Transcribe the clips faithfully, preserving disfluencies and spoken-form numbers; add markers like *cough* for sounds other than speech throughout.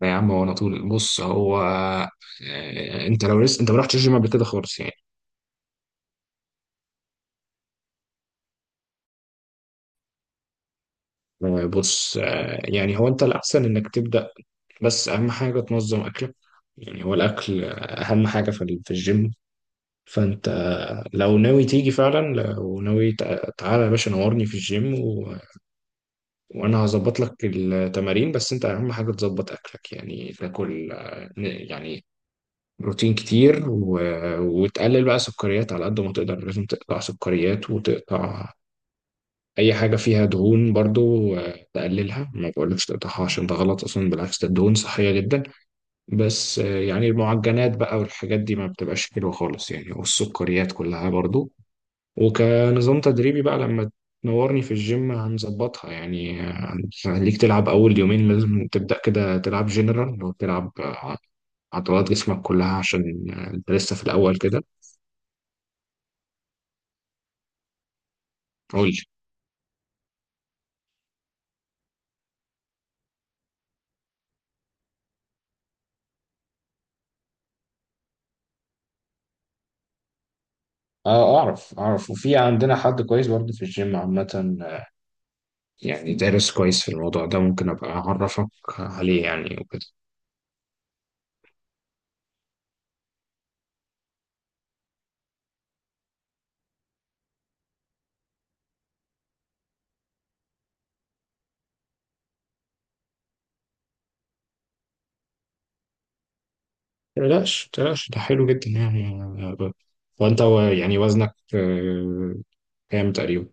لا يا عم، هو انا طول. بص هو آه، انت لو لسه انت ما رحتش الجيم قبل كده خالص يعني. آه، بص. آه، يعني هو انت الاحسن انك تبدا، بس اهم حاجه تنظم اكلك. يعني هو الاكل اهم حاجه في ال- في الجيم. فانت آه، لو ناوي تيجي فعلا، لو ناوي تع- تعالى يا باشا نورني في الجيم و... وانا هظبط لك التمارين. بس انت اهم حاجه تظبط اكلك، يعني تاكل آه، يعني بروتين كتير و... وتقلل بقى سكريات على قد ما تقدر. لازم تقطع سكريات، وتقطع اي حاجه فيها دهون برضو. آه، تقللها، ما بقولكش تقطعها عشان ده غلط اصلا، بالعكس ده الدهون صحيه جدا. بس آه، يعني المعجنات بقى والحاجات دي ما بتبقاش حلوه خالص يعني، والسكريات كلها برضو. وكنظام تدريبي بقى، لما تنورني في الجيم هنظبطها يعني. آه، هنخليك تلعب اول يومين، لازم تبدا كده تلعب جنرال، لو تلعب آه، عضلات جسمك كلها، عشان آه، انت لسه في الاول كده. قول لي. اه اعرف اعرف، وفي عندنا حد كويس برضه في الجيم عامة. آه، يعني دارس كويس في الموضوع ده، ممكن ابقى اعرفك عليه يعني وكده. متقلقش متقلقش، ده حلو جدا يعني. آه، وانت و- يعني وزنك آه، كام تقريبا؟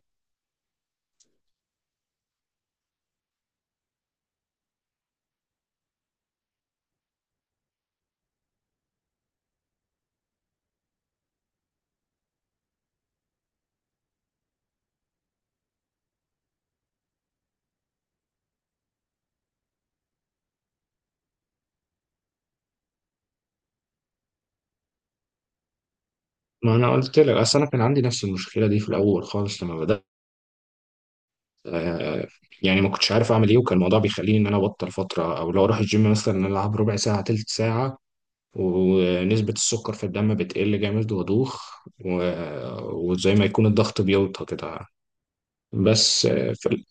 ما انا قلت لك، اصل انا كان عندي نفس المشكله دي في الاول خالص لما بدات. آه، يعني ما كنتش عارف اعمل ايه، وكان الموضوع بيخليني ان انا ابطل فتره، او لو اروح الجيم مثلا العب ربع ساعه تلت ساعه ونسبة السكر في الدم بتقل جامد وأدوخ، و- وزي ما يكون الضغط بيوطى كده. بس آه، في ال...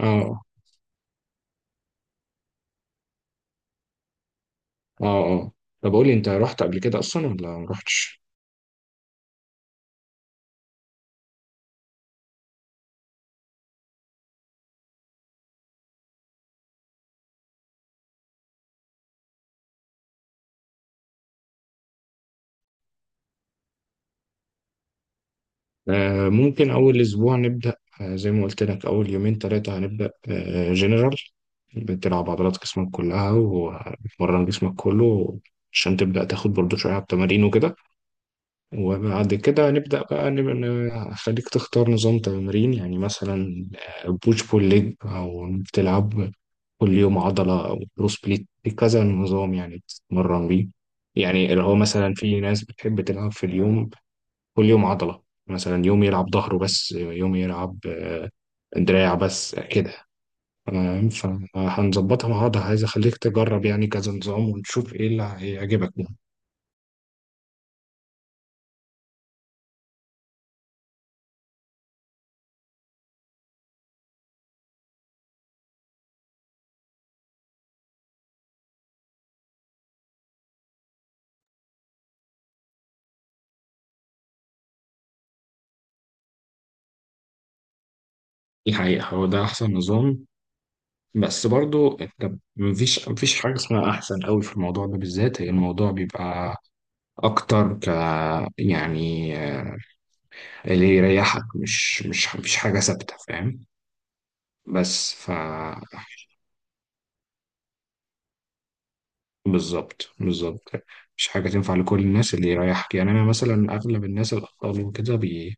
اه اه اه. طب قولي، انت رحت قبل كده اصلا ولا ما رحتش؟ آه ممكن اول اسبوع نبدا. آه زي ما قلت لك، اول يومين ثلاثه هنبدا آه جنرال، بتلعب عضلات جسمك كلها وتمرن جسمك كله عشان تبدا تاخد برضو شويه على التمارين وكده. وبعد كده نبدأ بقى، نبقى خليك تختار نظام تمرين، يعني مثلا آه، بوش بول ليج، أو بتلعب كل يوم عضلة، أو بروس بليت. في كذا نظام يعني بتتمرن بيه. يعني اللي هو مثلا في ناس بتحب تلعب في اليوم كل يوم عضلة، مثلا يوم يلعب ظهره بس، يوم يلعب آه، دراع بس كده. تمام، فهنظبطها مع بعض. عايز أخليك تجرب يعني كذا نظام ونشوف إيه اللي هيعجبك دي. حقيقة هو ده أحسن نظام، بس برضو انت مفيش مفيش حاجة اسمها أحسن قوي في الموضوع ده بالذات. هي الموضوع بيبقى أكتر ك يعني آه، اللي يريحك. مش مش مفيش حاجة ثابتة، فاهم؟ بس ف بالظبط بالظبط. مش حاجة تنفع لكل الناس، اللي يريحك يعني. أنا مثلا أغلب الناس الأطفال وكده بي...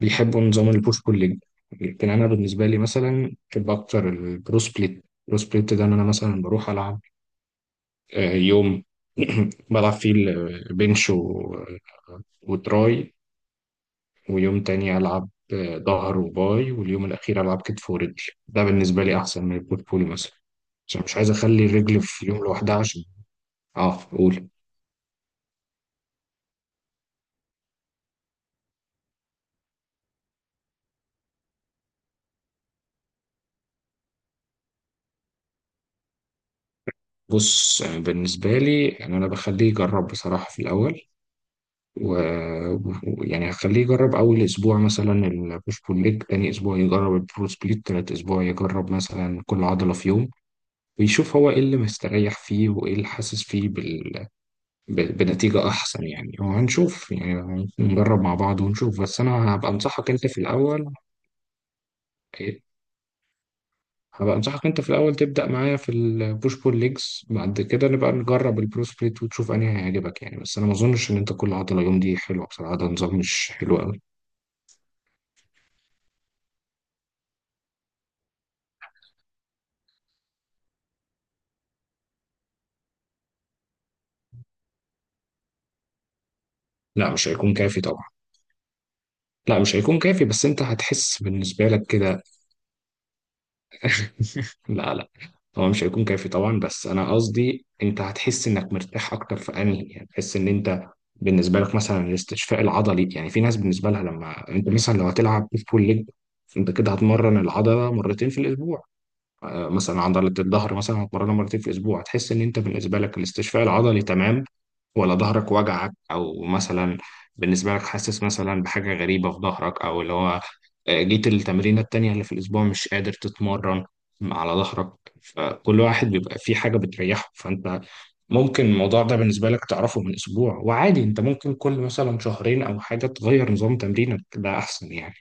بيحبوا نظام البوش بول ليج، لكن أنا بالنسبة لي مثلا بحب أكتر البرو سبليت. البرو سبليت ده إن أنا مثلا بروح ألعب آه، يوم *clears throat* بلعب فيه البنش و- وتراي، ويوم تاني ألعب آه، ظهر وباي، واليوم الأخير ألعب كتف ورجل. ده بالنسبة لي أحسن من البورتفوليو مثلا، عشان مش عايز أخلي الرجل في يوم لوحدها عشان... أه قول. بص آه، بالنسبة لي يعني أنا بخليه يجرب بصراحة في الأول. ويعني هخليه يجرب أول أسبوع مثلا البوش بول ليج، تاني أسبوع يجرب البرو سبليت، تالت أسبوع يجرب مثلا كل عضلة في يوم، ويشوف هو ايه اللي مستريح فيه وايه اللي حاسس فيه بال... ب... بنتيجة احسن يعني. وهنشوف يعني، نجرب مع بعض ونشوف. بس انا هبقى انصحك انت في الاول. إيه؟ هبقى انصحك انت في الاول تبدأ معايا في البوش بول ليجز، بعد كده نبقى نجرب البرو سبليت وتشوف انهي هيعجبك يعني. بس انا ما اظنش ان انت كل عضلة يوم دي حلوة بصراحة، ده نظام مش حلو قوي. لا مش هيكون كافي طبعا. لا مش هيكون كافي، بس انت هتحس بالنسبة لك كده. *laughs* لا لا. هو مش هيكون كافي طبعا، بس انا قصدي انت هتحس انك مرتاح اكتر في انهي. يعني تحس ان انت بالنسبه لك مثلا الاستشفاء العضلي يعني. في ناس بالنسبه لها لما انت مثلا لو هتلعب بوش بول ليج، انت كده هتمرن العضله مرتين في الاسبوع. آه، مثلا عضلة الظهر مثلا هتمرنها مرتين في الأسبوع، هتحس إن أنت بالنسبة لك الاستشفاء العضلي تمام، ولا ظهرك وجعك. أو مثلا بالنسبة لك حاسس مثلا بحاجة غريبة في ظهرك، أو اللي هو آه، جيت التمرينة التانية اللي في الأسبوع مش قادر تتمرن على ظهرك. فكل واحد بيبقى فيه حاجة بتريحه. فأنت ممكن الموضوع ده بالنسبة لك تعرفه من أسبوع، وعادي أنت ممكن كل مثلا شهرين أو حاجة تغير نظام تمرينك، ده أحسن يعني.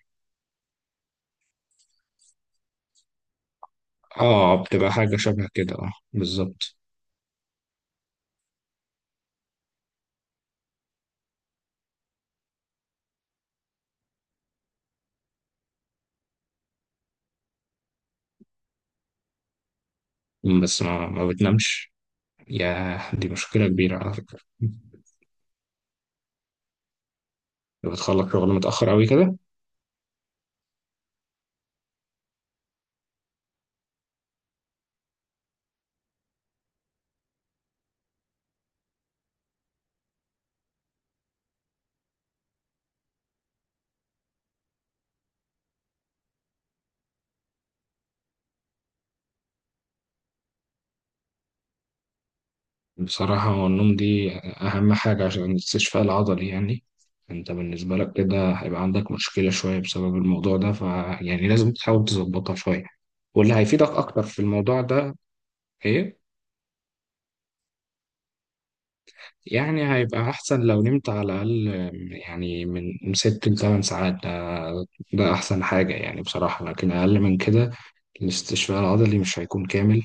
آه بتبقى حاجة شبه كده، آه بالظبط. بس ما, ما بتنامش، يا دي مشكلة كبيرة على فكرة. بتخلص شغل متأخر أوي كده؟ بصراحة هو النوم دي أهم حاجة عشان الاستشفاء العضلي يعني. أنت بالنسبة لك كده هيبقى عندك مشكلة شوية بسبب الموضوع ده، فيعني لازم تحاول تظبطها شوية. واللي هيفيدك أكتر في الموضوع ده... إيه؟ يعني هيبقى أحسن لو نمت على الأقل، يعني من ست لثمان ساعات. ده, ده أحسن حاجة يعني بصراحة، لكن أقل من كده الاستشفاء العضلي مش هيكون كامل.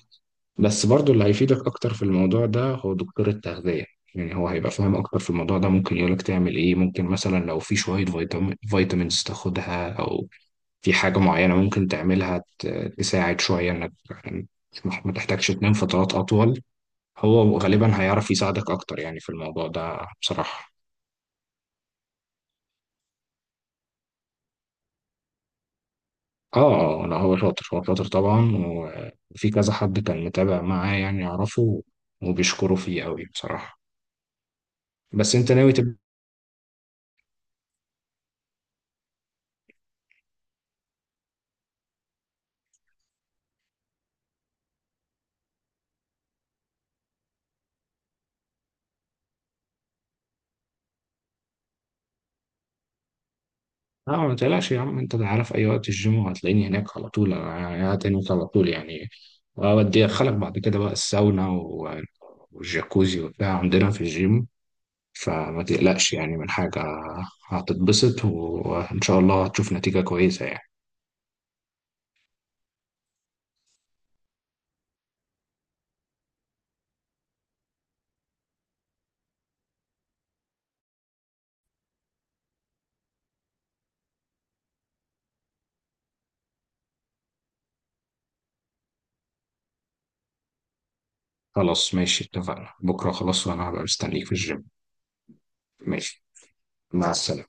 بس برضو اللي هيفيدك اكتر في الموضوع ده هو دكتور التغذية. يعني هو هيبقى فاهم اكتر في الموضوع ده، ممكن يقولك تعمل ايه. ممكن مثلا لو في شوية فيتامين فيتامينز تاخدها، او في حاجة معينة ممكن تعملها ت- تساعد شوية انك يعني مش- ما تحتاجش تنام فترات اطول. هو غالبا هيعرف يساعدك اكتر يعني في الموضوع ده بصراحة. اه اه، لا هو شاطر، هو شاطر طبعا. وفي كذا حد كان متابع معاه يعني يعرفه، وبيشكروا فيه قوي بصراحة. بس انت ناوي تبقى... لا ما تقلقش يا عم، انت عارف اي وقت الجيم وهتلاقيني هناك على طول، انا قاعد هناك على طول يعني. وأودي أدخلك بعد كده بقى الساونا و- والجاكوزي وبتاع عندنا في الجيم. فما تقلقش يعني من حاجة، هتتبسط وإن شاء الله هتشوف نتيجة كويسة يعني. خلاص ماشي، اتفقنا بكرة خلاص، وأنا هبقى مستنيك في الجيم. ماشي. مع السلامة.